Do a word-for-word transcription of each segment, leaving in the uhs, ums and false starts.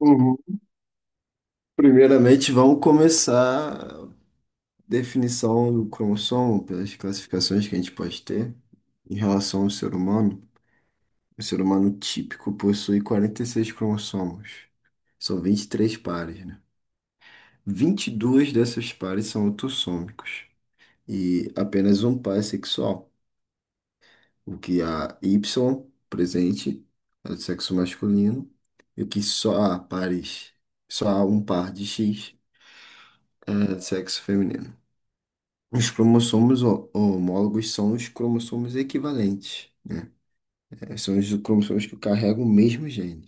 Uhum. Primeiramente, vamos começar a definição do cromossomo pelas classificações que a gente pode ter em relação ao ser humano. O ser humano típico possui quarenta e seis cromossomos, são vinte e três pares, né? vinte e dois desses pares são autossômicos e apenas um par é sexual, o que há Y presente é do sexo masculino e o que só há pares, só há um par de X é do sexo feminino. Os cromossomos ho- homólogos são os cromossomos equivalentes. É, São os cromossomos que carregam o mesmo gene.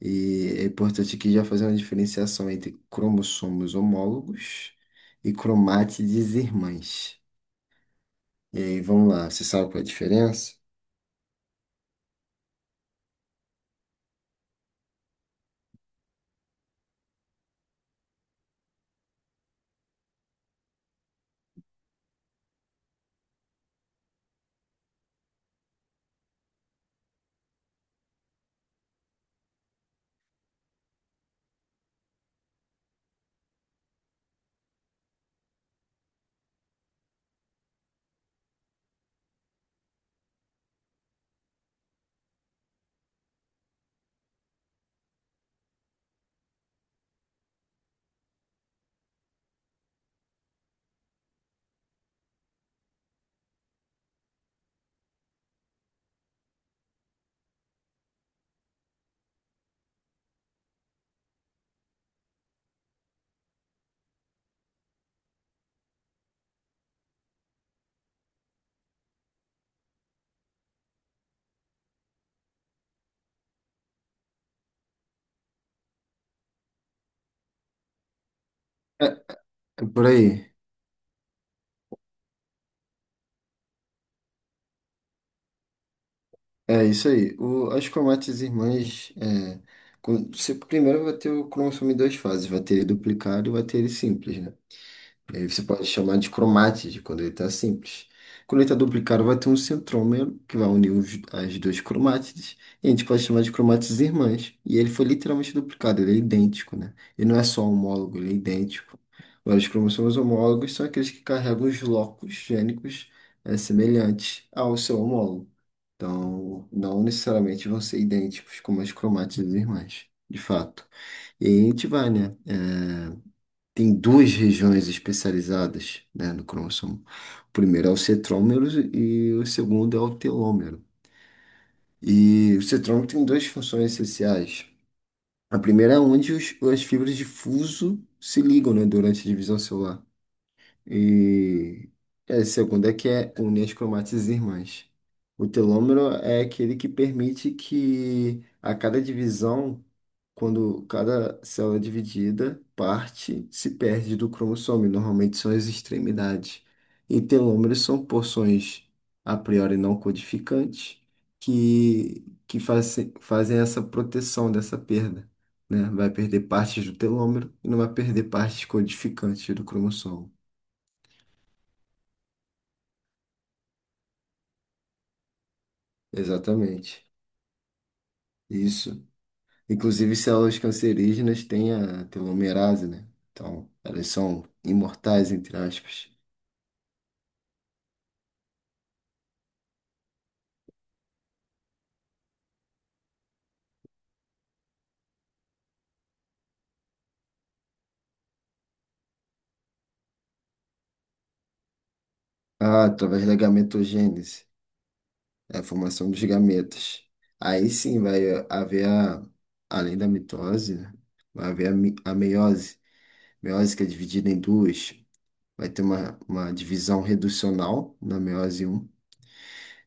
E é importante aqui já fazer uma diferenciação entre cromossomos homólogos e cromátides irmãs. E aí, vamos lá, você sabe qual é a diferença? É, é por aí. É isso aí. O, as cromátides irmãs, é, quando- você primeiro vai ter o cromossomo em duas fases, vai ter ele duplicado e vai ter ele simples, né? E aí você pode chamar de cromática quando ele está simples. Quando ele está duplicado, vai ter um centrômero que vai unir os- as duas cromátides. E a gente pode chamar de cromátides irmãs. E ele foi literalmente duplicado, ele é idêntico, né? Ele não é só homólogo, ele é idêntico. Agora, os cromossomos homólogos são aqueles que carregam os locos gênicos eh, semelhantes ao seu homólogo. Então, não necessariamente vão ser idênticos como as cromátides irmãs, de fato. E aí a gente vai, né? É, tem duas regiões especializadas, né, no cromossomo. O primeiro é o centrômero e o segundo é o telômero. E o centrômero tem duas funções essenciais. A primeira é onde os- as fibras de fuso se ligam, né, durante a divisão celular. E a segunda é que é une as cromátides irmãs. O telômero é aquele que permite que a cada divisão, quando cada célula é dividida, parte se perde do cromossomo, e normalmente são as extremidades. E telômeros são porções a priori não codificantes que, que fazem, fazem essa proteção dessa perda. Né? Vai perder partes do telômero e não vai perder partes codificantes do cromossomo. Exatamente. Isso. Inclusive, células cancerígenas têm a telomerase, né? Então, elas são imortais, entre aspas. Ah, através da gametogênese, é a formação dos gametas. Aí sim vai haver a, além da mitose, né? Vai haver a, mi- a meiose. Meiose que é dividida em duas. Vai ter uma, uma divisão reducional na meiose um.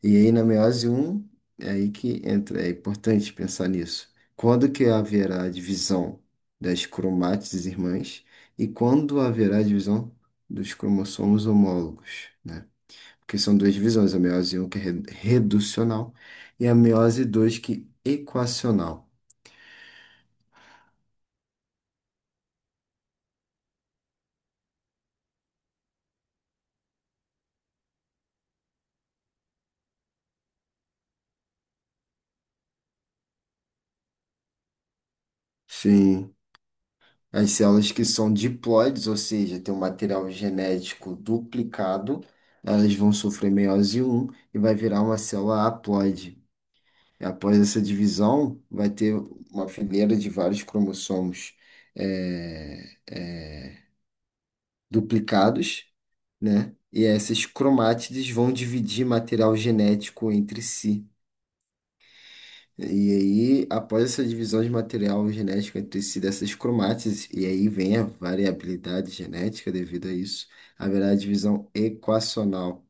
E aí, na meiose um é aí que entra, é importante pensar nisso. Quando que haverá a divisão das cromátides irmãs e quando haverá a divisão dos cromossomos homólogos, né? Porque são duas divisões, a meiose um que é re- reducional e a meiose dois que é equacional. Sim, as células que são diploides, ou seja, têm um material genético duplicado, elas vão sofrer meiose um e vai virar uma célula haploide. Após essa divisão, vai ter uma fileira de vários cromossomos é, é, duplicados, né? E essas cromátides vão dividir material genético entre si. E aí, após essa divisão de material genético entre si dessas cromátides, e aí vem a variabilidade genética devido a isso, haverá a divisão equacional.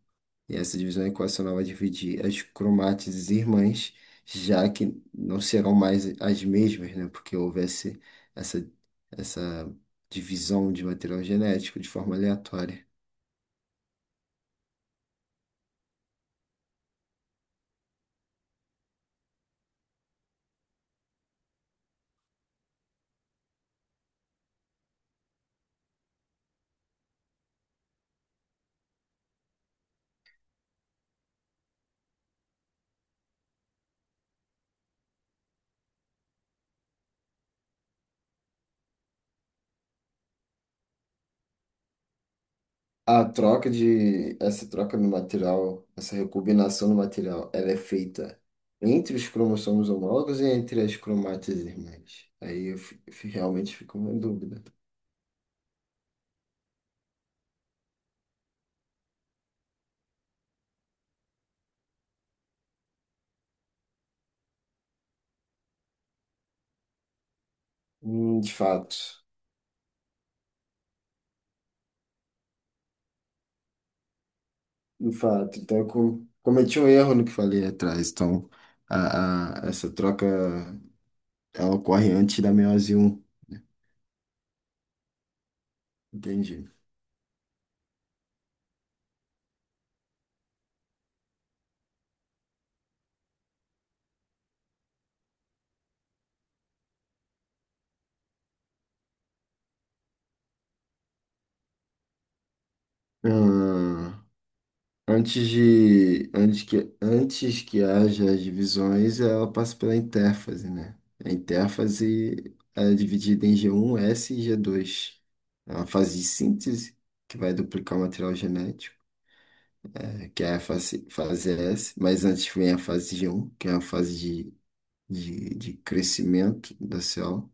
E essa divisão equacional vai dividir as cromátides irmãs, já que não serão mais as mesmas, né? Porque houvesse essa, essa divisão de material genético de forma aleatória. A troca de, essa troca no material, essa recombinação do material, ela é feita entre os cromossomos homólogos e entre as cromátides irmãs. Aí eu fi- fi- realmente fico em dúvida. Hum, de fato. De fato, então eu co- cometi um erro no que falei atrás. Então, a, a- essa troca ela ocorre antes da meiose um. Entendi. Ah, antes de, antes que, antes que haja as divisões, ela passa pela intérfase, né? A intérfase é dividida em g um, S e g dois. É uma fase de síntese que vai duplicar o material genético, eh, que é a fase, fase S, mas antes vem a fase G um, que é a fase de de, de crescimento da célula,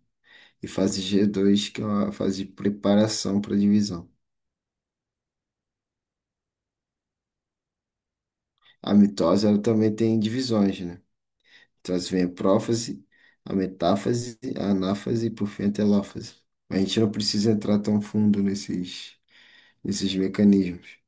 e fase G dois, que é uma fase de preparação para divisão. A mitose, ela também tem divisões, né? Então, assim, vem a prófase, a metáfase, a anáfase e, por fim, a telófase. A gente não precisa entrar tão fundo nesses, nesses mecanismos.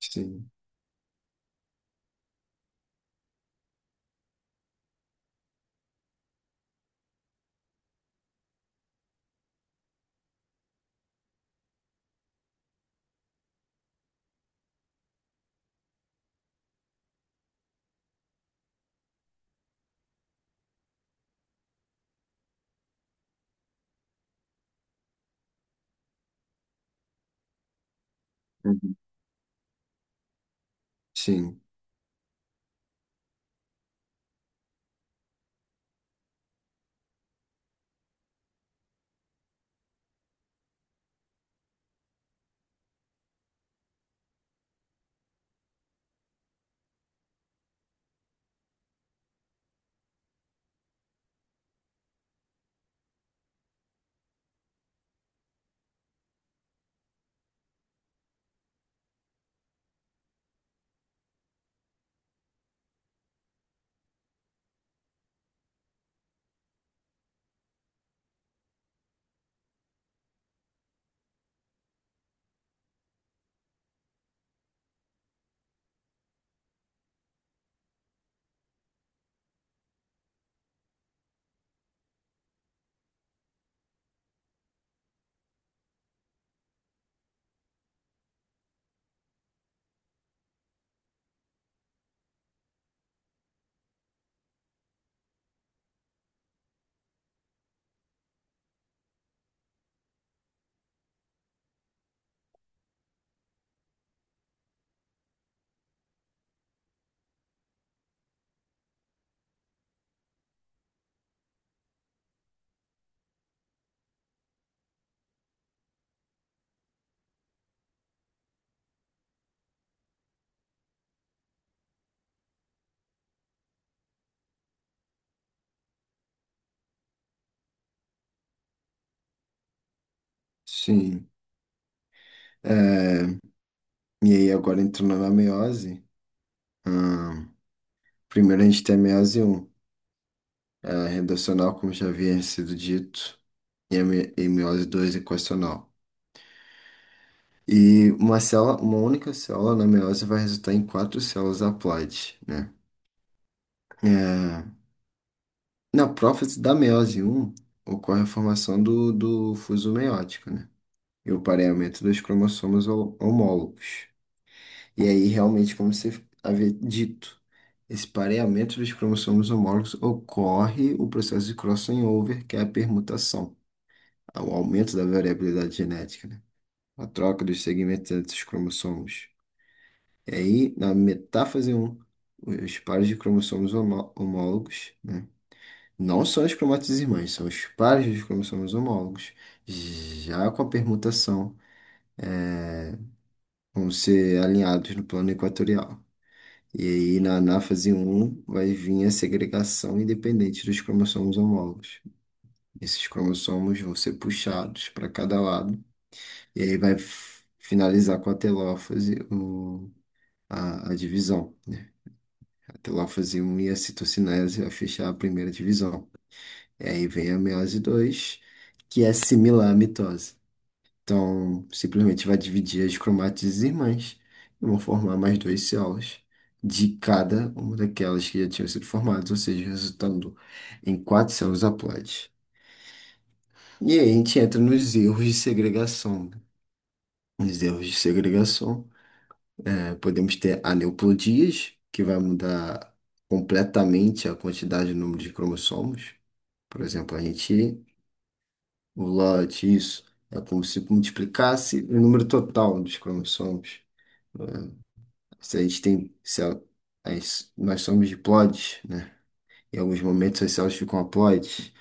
Sim. Uhum. Sim, sim. É, e aí, agora entrando na meiose, ah, primeiro a gente tem a meiose um. É, a redacional, como já havia sido dito. E a mi- e meiose dois equacional. E uma célula, uma única célula na meiose vai resultar em quatro células haploides, né? É, na prófase da meiose um ocorre a formação do, do fuso meiótico, né? E o pareamento dos cromossomos hom- homólogos. E aí, realmente, como você havia dito, esse pareamento dos cromossomos homólogos ocorre o processo de crossover, que é a permutação, o aumento da variabilidade genética, né? A troca dos segmentos entre os cromossomos. E aí, na metáfase um os pares de cromossomos homo- homólogos, né? Não são as cromátides irmãs, são os pares dos cromossomos homólogos, já com a permutação, vão ser alinhados no plano equatorial. E aí, na anáfase um vai vir a segregação independente dos cromossomos homólogos. Esses cromossomos vão ser puxados para cada lado, e aí vai f- finalizar com a telófase, o, a a divisão. Que lá fazia um iacitocinese ao fechar a primeira divisão. E aí vem a meiose dois, que é similar à mitose. Então, simplesmente vai dividir as cromátides irmãs e vão formar mais duas células de cada uma daquelas que já tinham sido formadas, ou seja, resultando em quatro células haploides. E aí a gente entra nos erros de segregação, né? Nos erros de segregação, eh, podemos ter aneuploidias, que vai mudar completamente a quantidade e o número de cromossomos. Por exemplo, a gente, o lote, isso, é como se multiplicasse o número total dos cromossomos. Se a gente tem, se a- as- nós somos diploides, né? Em alguns momentos as células ficam haploides,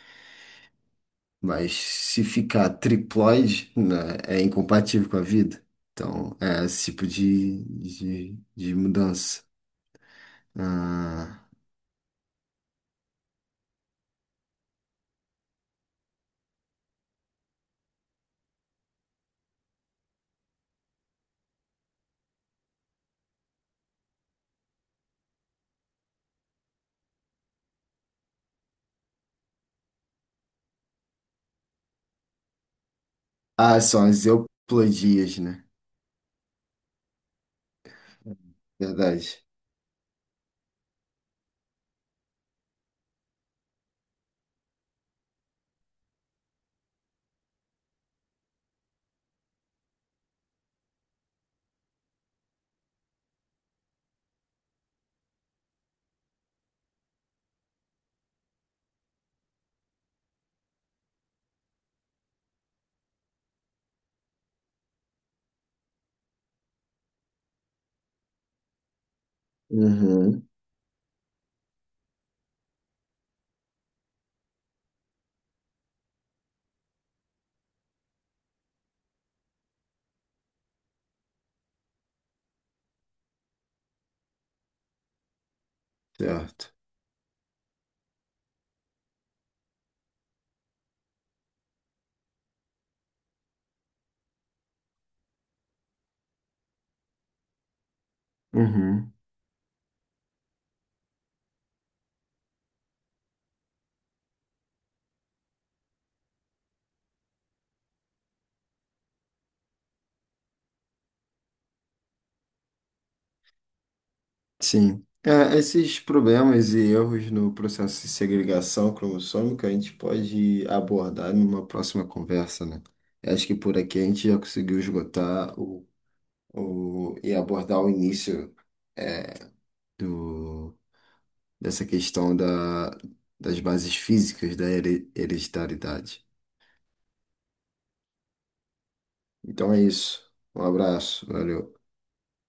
mas se ficar triploide, né, é incompatível com a vida. Então, é esse tipo de, de, de mudança. Ah, ah, são as euploidias, né? Verdade. Uhum. Certo. Uhum. Sim. É, esses problemas e erros no processo de segregação cromossômica a gente pode abordar numa próxima conversa, né? Eu acho que por aqui a gente já conseguiu esgotar o, o, e abordar o início é, do, dessa questão da, das bases físicas da here- hereditariedade. Então é isso. Um abraço, valeu.